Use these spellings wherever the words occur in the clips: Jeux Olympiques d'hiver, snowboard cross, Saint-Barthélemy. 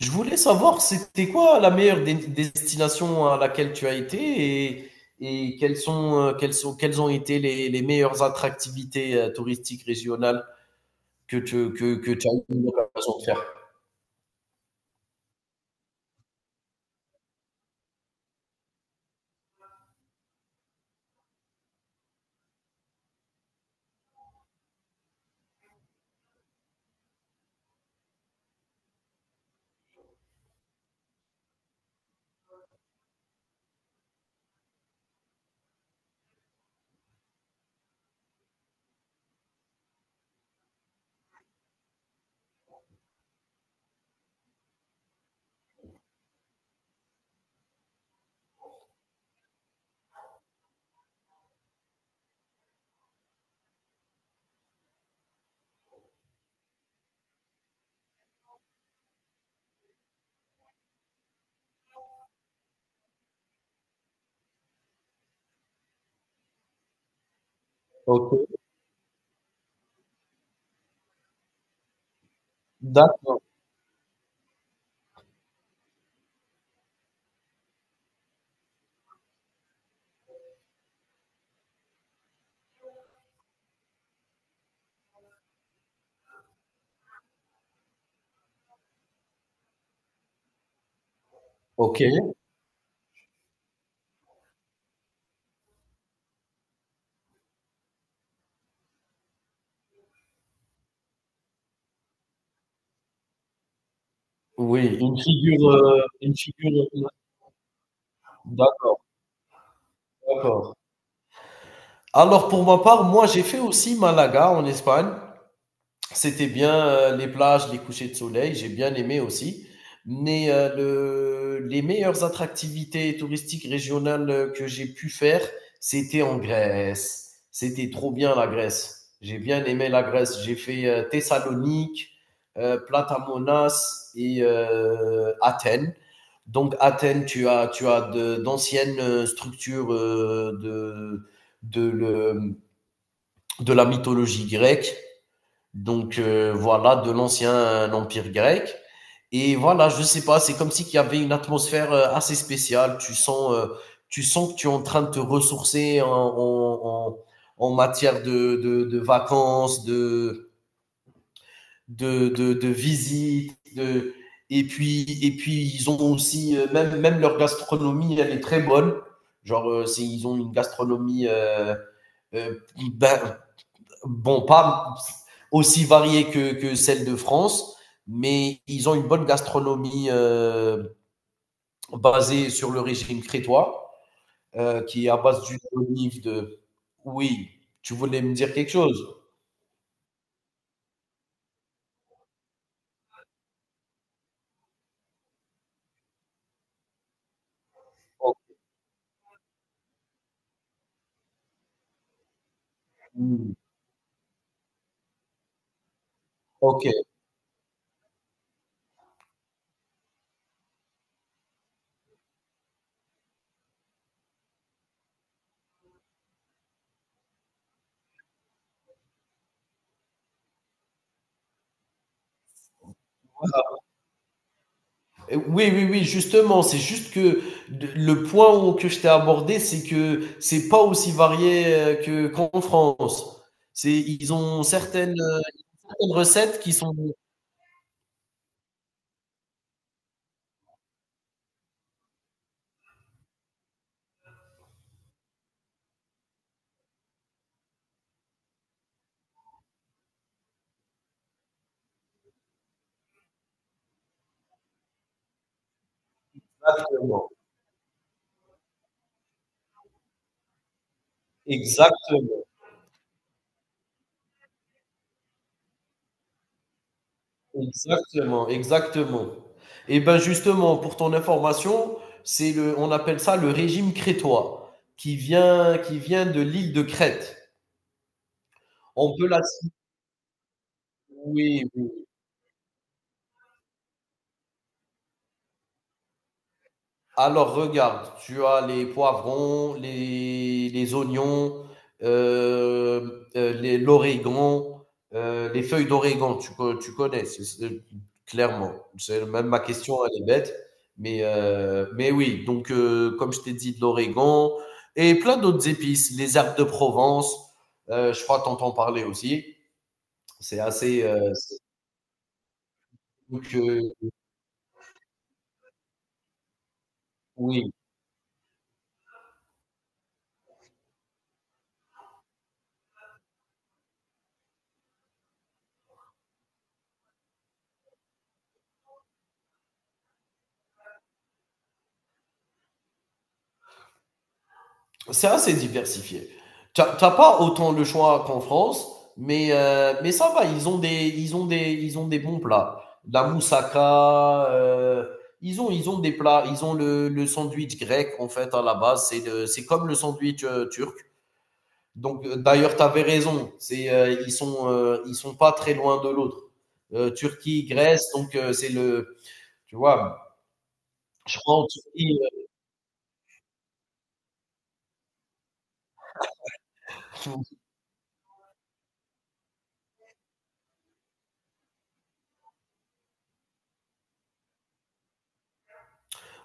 Je voulais savoir, c'était quoi la meilleure destination à laquelle tu as été et, et quelles sont, quelles sont, quelles ont été les meilleures attractivités touristiques régionales que que tu as eu l'occasion de faire? Ok, d'accord. Ok, oui, une figure, une figure. D'accord. D'accord. Alors pour ma part, moi j'ai fait aussi Malaga en Espagne. C'était bien les plages, les couchers de soleil, j'ai bien aimé aussi. Mais les meilleures attractivités touristiques régionales que j'ai pu faire, c'était en Grèce. C'était trop bien la Grèce. J'ai bien aimé la Grèce. J'ai fait Thessalonique, Platamonas et Athènes. Donc Athènes, tu as d'anciennes structures de, le- de la mythologie grecque. Donc voilà, de l'ancien empire grec. Et voilà, je sais pas, c'est comme si qu'il y avait une atmosphère assez spéciale. Tu sens que tu es en train de te ressourcer en matière de vacances, de visites, de... et puis ils ont aussi même leur gastronomie elle est très bonne. Genre ils ont une gastronomie euh, ben, bon, pas aussi variées que celles de France, mais ils ont une bonne gastronomie basée sur le régime crétois, qui est à base d'huile d'olive. De... Oui, tu voulais me dire quelque chose. Mm. Ok. Oui, oui, oui, justement, c'est juste que que je t'ai abordé, c'est que c'est pas aussi varié que qu'en France. C'est, ils ont certaines, certaines recettes qui sont. Exactement. Exactement. Exactement, exactement. Et ben justement, pour ton information, c'est le, on appelle ça le régime crétois, qui vient de l'île de Crète. On peut la citer. Oui, oui. Alors regarde, tu as les poivrons, les oignons, l'origan, les feuilles d'origan, tu connais, clairement. C'est, même ma question, elle est bête. Mais oui, donc comme je t'ai dit, de l'origan et plein d'autres épices, les herbes de Provence, je crois que t'entends parler aussi. C'est assez... donc, oui, c'est assez diversifié. T'as pas autant le choix qu'en France, mais ça va, ils ont des bons plats. La moussaka, ils ont des plats, ils ont le sandwich grec en fait à la base, c'est comme le sandwich turc. Donc d'ailleurs, tu avais raison, ils sont pas très loin de l'autre. Turquie, Grèce, donc tu vois, je crois en Turquie, euh,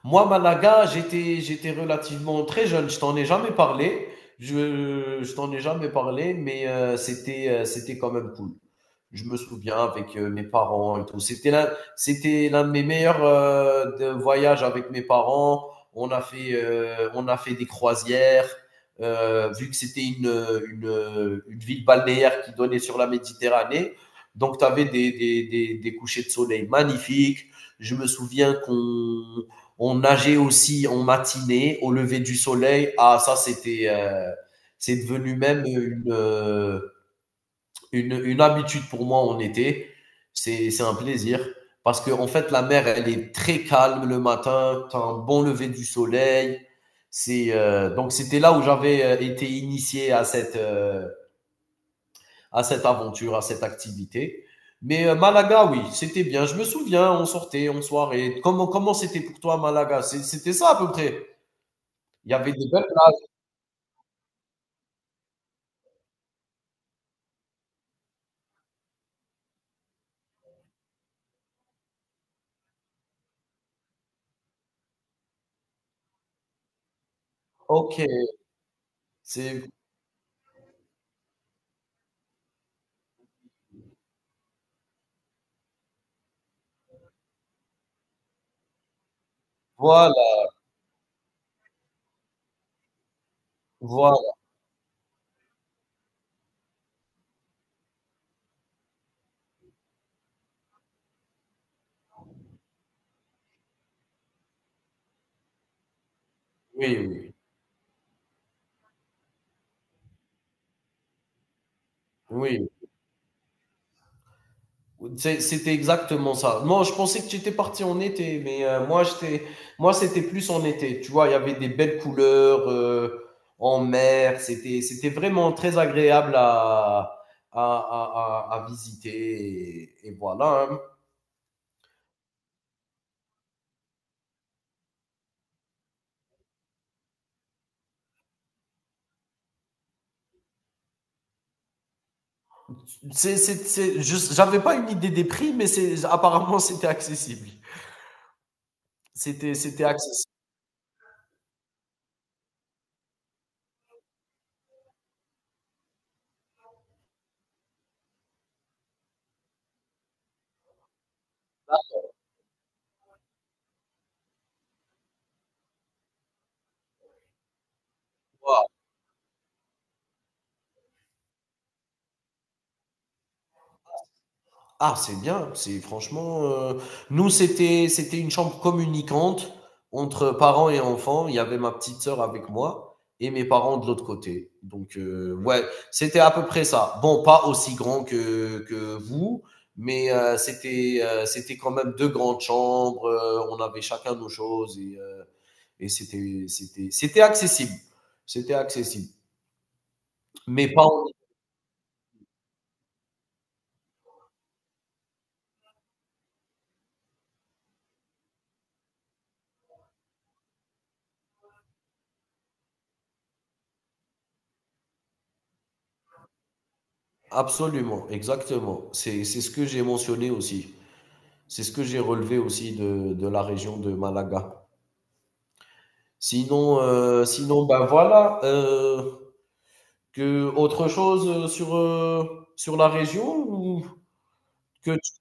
Moi, Malaga, j'étais relativement très jeune. Je t'en ai jamais parlé. Je t'en ai jamais parlé, mais c'était quand même cool. Je me souviens avec mes parents et tout. C'était l'un de mes meilleurs de voyages avec mes parents. On a fait des croisières. Vu que c'était une ville balnéaire qui donnait sur la Méditerranée, donc tu avais des couchers de soleil magnifiques. Je me souviens qu'on on nageait aussi en matinée, au lever du soleil. Ah, ça, c'était, c'est devenu même une habitude pour moi en été. C'est un plaisir. Parce que, en fait, la mer, elle est très calme le matin. T'as un bon lever du soleil. Donc, c'était là où j'avais été initié à cette aventure, à cette activité. Mais Malaga, oui, c'était bien. Je me souviens, on sortait en soirée. Comment c'était pour toi, Malaga? C'était ça à peu près. Il y avait des belles plages. OK, c'est voilà, voilà. Oui, oui, oui. C'était exactement ça. Non, je pensais que tu étais parti en été, mais moi, c'était plus en été. Tu vois, il y avait des belles couleurs en mer. C'était vraiment très agréable à visiter. Et voilà. Hein. J'avais pas une idée des prix, mais c'est, apparemment, c'était accessible. C'était accessible. Ah, c'est bien, c'est franchement, nous, c'était une chambre communicante entre parents et enfants. Il y avait ma petite sœur avec moi et mes parents de l'autre côté. Donc ouais, c'était à peu près ça. Bon, pas aussi grand que vous, mais c'était quand même 2 grandes chambres, on avait chacun nos choses et c'était accessible, c'était accessible. Mais pas en absolument, exactement. C'est ce que j'ai mentionné aussi. C'est ce que j'ai relevé aussi de la région de Malaga. Sinon, sinon ben voilà. Que autre chose sur, sur la région ou que tu-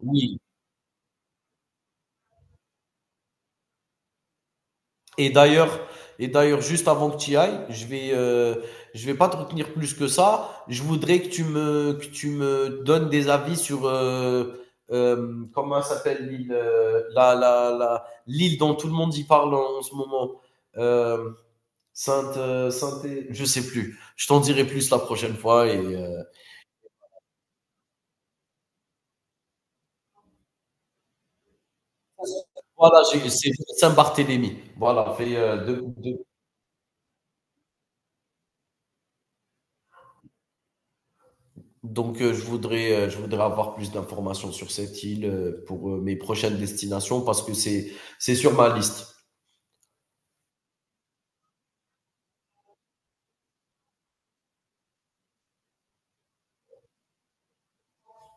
Oui. Et d'ailleurs, et d'ailleurs, juste avant que tu y ailles, je vais pas te retenir plus que ça. Je voudrais que tu me donnes des avis sur comment s'appelle l'île, l'île dont tout le monde y parle en ce moment. Euh, Sainte, je sais plus. Je t'en dirai plus la prochaine fois. Et voilà, c'est Saint-Barthélemy. Voilà, fait deux- Donc, je voudrais avoir plus d'informations sur cette île pour mes prochaines destinations parce que c'est sur ma liste.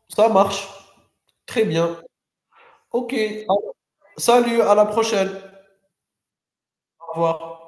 Ça marche. Très bien. Ok. Salut, à la prochaine. Au revoir.